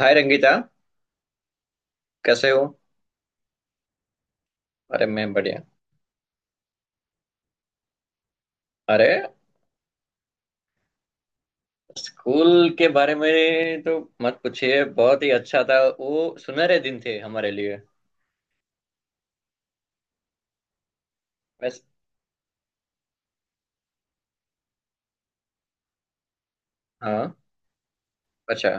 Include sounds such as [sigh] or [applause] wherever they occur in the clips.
हाय रंगीता। कैसे हो? अरे मैं बढ़िया। अरे स्कूल के बारे में तो मत पूछिए, बहुत ही अच्छा था, वो सुनहरे दिन थे हमारे लिए। बस। हाँ। अच्छा।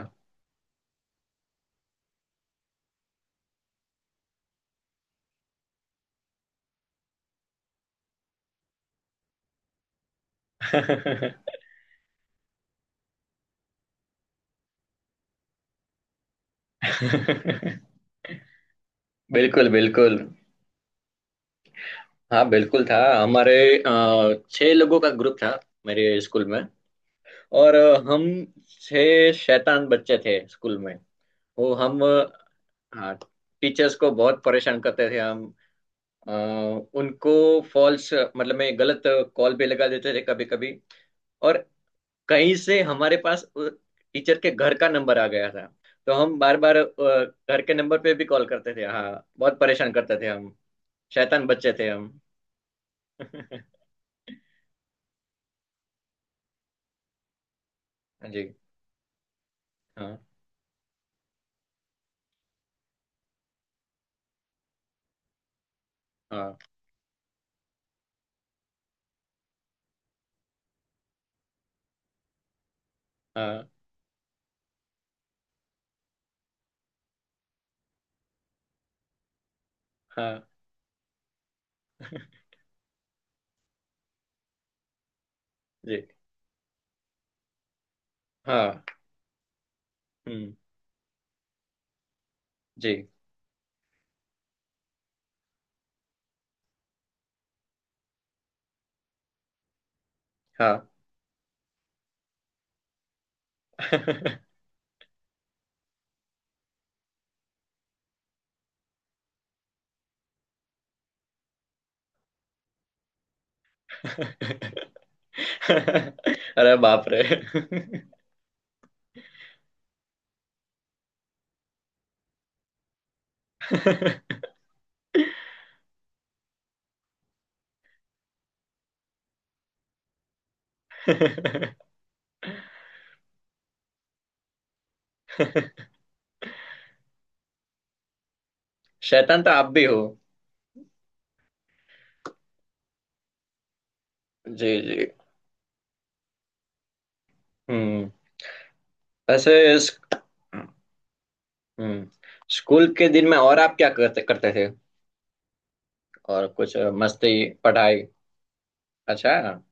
[laughs] बिल्कुल बिल्कुल। हाँ बिल्कुल था। हमारे छह लोगों का ग्रुप था मेरे स्कूल में। और हम छह शैतान बच्चे थे स्कूल में। वो हम अ, हाँ, टीचर्स को बहुत परेशान करते थे हम। अ, उनको फॉल्स, मतलब में गलत कॉल पे लगा देते थे कभी कभी। और कहीं से हमारे पास टीचर के घर का नंबर आ गया था, तो हम बार बार घर के नंबर पे भी कॉल करते थे। हाँ बहुत परेशान करते थे हम। शैतान बच्चे थे हम। [laughs] जी। हाँ। हाँ। हाँ। हाँ। जी। हाँ। हम्म। जी। हाँ। [laughs] अरे बाप रे। [laughs] शैतान तो आप भी हो। जी जी। हम्म। ऐसे इस- हम्म। स्कूल के दिन में और आप क्या करते करते थे? और कुछ? मस्ती, पढ़ाई? अच्छा।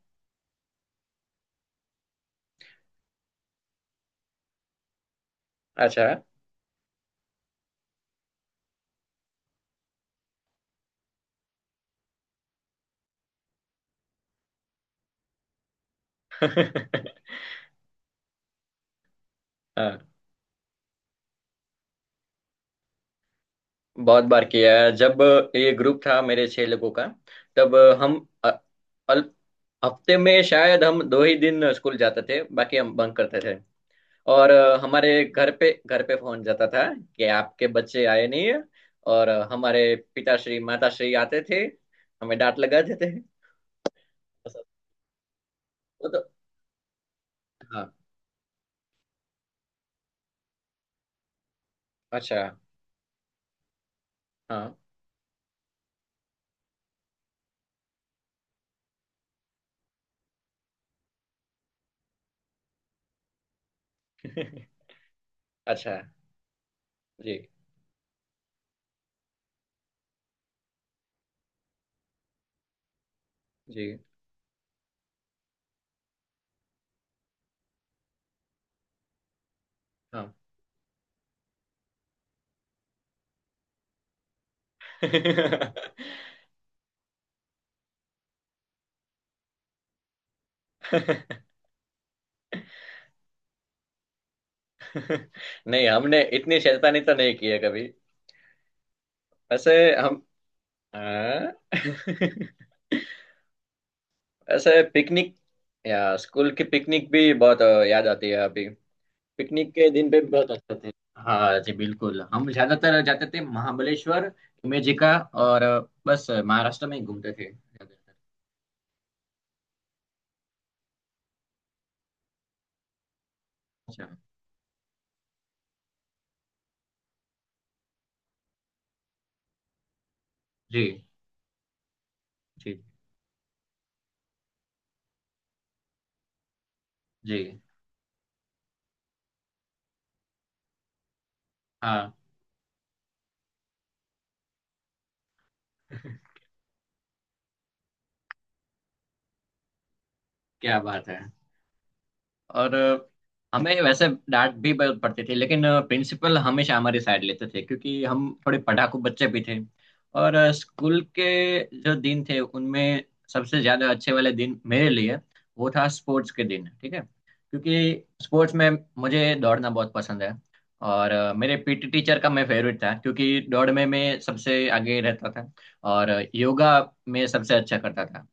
अच्छा। [laughs] हाँ बहुत बार किया है। जब ये ग्रुप था मेरे छह लोगों का, तब हम, अ, अल- हफ्ते में शायद हम दो ही दिन स्कूल जाते थे, बाकी हम बंक करते थे। और हमारे घर पे फोन जाता था कि आपके बच्चे आए नहीं है। और हमारे पिताश्री माताश्री आते थे, हमें डांट लगा देते। वो तो अच्छा। हाँ। [laughs] अच्छा। जी जी। हाँ। [laughs] नहीं हमने इतनी शैतानी तो नहीं की है कभी। वैसे हम, हाँ? [laughs] वैसे पिकनिक या स्कूल की पिकनिक भी बहुत याद आती है अभी। पिकनिक के दिन पे भी बहुत अच्छा थे। हाँ जी बिल्कुल। हम ज्यादातर जाते थे महाबलेश्वर, इमेजिका और बस महाराष्ट्र में ही घूमते थे ज्यादातर। अच्छा। जी जी। जी। हाँ। [laughs] क्या बात है। और हमें वैसे डांट भी बहुत पड़ती थी, लेकिन प्रिंसिपल हमेशा हमारी साइड लेते थे क्योंकि हम थोड़े पढ़ाकू बच्चे भी थे। और स्कूल के जो दिन थे, उनमें सबसे ज्यादा अच्छे वाले दिन मेरे लिए वो था स्पोर्ट्स के दिन, ठीक है, क्योंकि स्पोर्ट्स में मुझे दौड़ना बहुत पसंद है। और मेरे पीटी टीचर का मैं फेवरेट था क्योंकि दौड़ में मैं सबसे आगे रहता था और योगा में सबसे अच्छा करता था।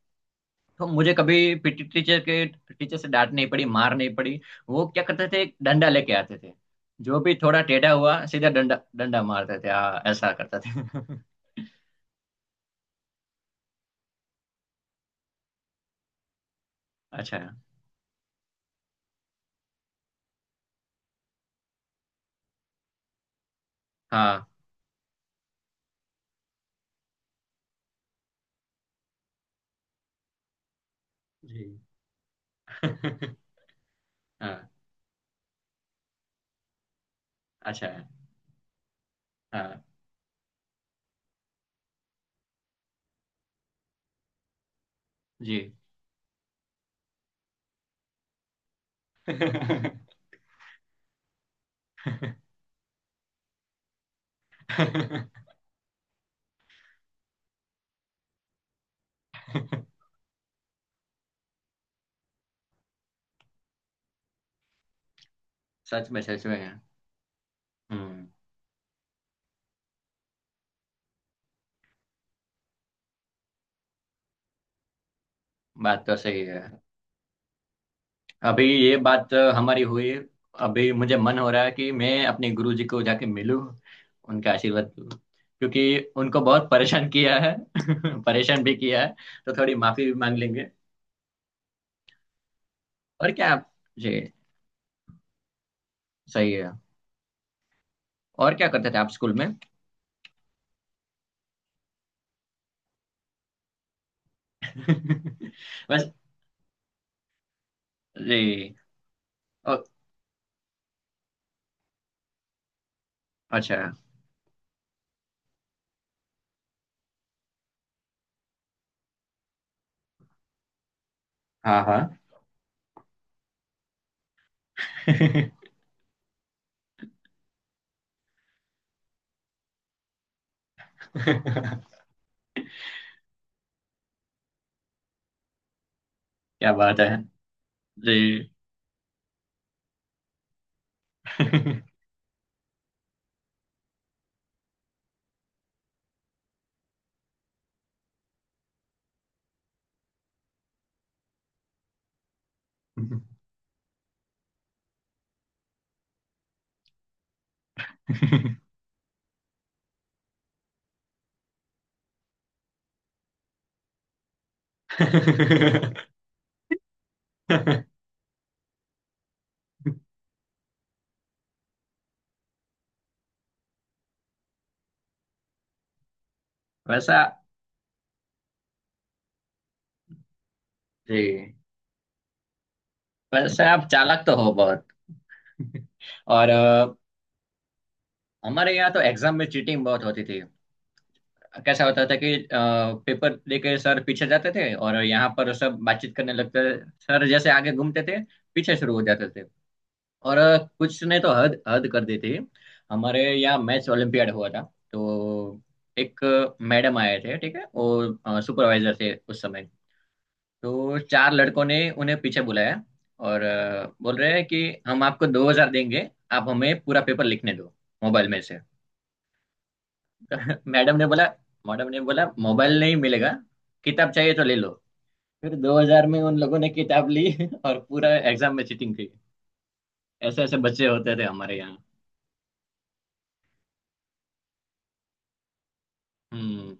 तो मुझे कभी पीटी टीचर के टीचर से डांट नहीं पड़ी, मार नहीं पड़ी। वो क्या करते थे, एक डंडा लेके आते थे, जो भी थोड़ा टेढ़ा हुआ, सीधा डंडा डंडा मारते थे। हाँ ऐसा करते थे। [laughs] अच्छा। हाँ। जी। [laughs] हाँ। अच्छा है। हाँ। जी। [laughs] सच में सच में। हम्म, बात तो सही है। अभी ये बात हमारी हुई। अभी मुझे मन हो रहा है कि मैं अपने गुरु जी को जाके मिलूं, उनका आशीर्वाद लूं। क्योंकि उनको बहुत परेशान किया है, [laughs] परेशान भी किया है, तो थोड़ी माफी भी मांग लेंगे। और क्या आप? जी सही है। और क्या करते थे आप स्कूल में? [laughs] बस। जी। ओ, अच्छा। हाँ हाँ। [laughs] क्या बात है। जी। [laughs] वैसा। जी। वैसे आप चालाक तो हो बहुत। [laughs] और हमारे यहाँ तो एग्जाम में चीटिंग बहुत होती थी। कैसा होता था कि पेपर लेके सर पीछे जाते थे और यहाँ पर सब बातचीत करने लगते थे। सर जैसे आगे घूमते थे, पीछे शुरू हो जाते थे। और कुछ ने तो हद हद कर दी थी। हमारे यहाँ मैथ्स ओलंपियाड हुआ था, तो एक मैडम आए थे, ठीक है, वो सुपरवाइजर थे उस समय। तो चार लड़कों ने उन्हें पीछे बुलाया और बोल रहे हैं कि हम आपको 2,000 देंगे, आप हमें पूरा पेपर लिखने दो मोबाइल में से। [laughs] मैडम ने बोला मैडम ने बोला मोबाइल नहीं मिलेगा, किताब चाहिए तो ले लो। फिर 2000 में उन लोगों ने किताब ली [laughs] और पूरा एग्जाम में चीटिंग की। ऐसे ऐसे बच्चे होते थे हमारे यहाँ। [laughs] हम्म।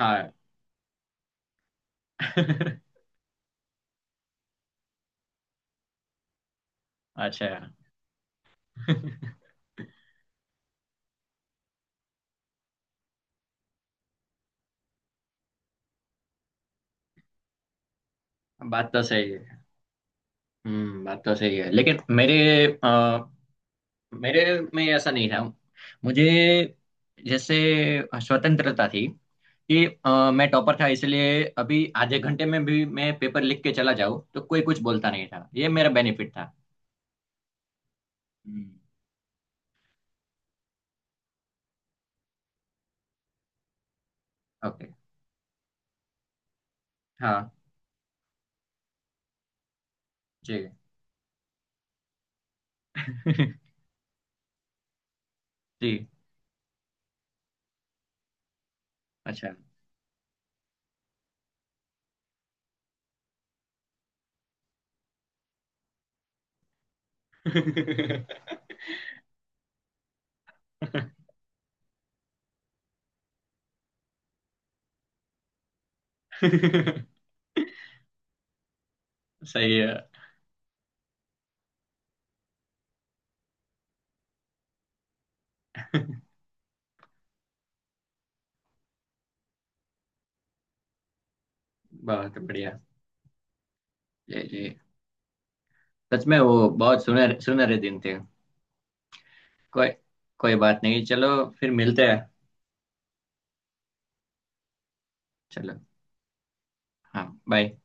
हाँ। [laughs] अच्छा। [laughs] बात तो सही है। बात तो सही है, लेकिन मेरे, आ, मेरे में ऐसा नहीं था। मुझे जैसे स्वतंत्रता थी कि मैं टॉपर था, इसलिए अभी आधे घंटे में भी मैं पेपर लिख के चला जाऊँ तो कोई कुछ बोलता नहीं था, ये मेरा बेनिफिट था। हम्म। ओके। हाँ। जी। [laughs] जी। अच्छा। [laughs] सही है। बहुत बढ़िया। जी जी। सच में वो बहुत सुनहरे सुनहरे दिन थे। कोई कोई बात नहीं, चलो फिर मिलते हैं। चलो। हाँ बाय।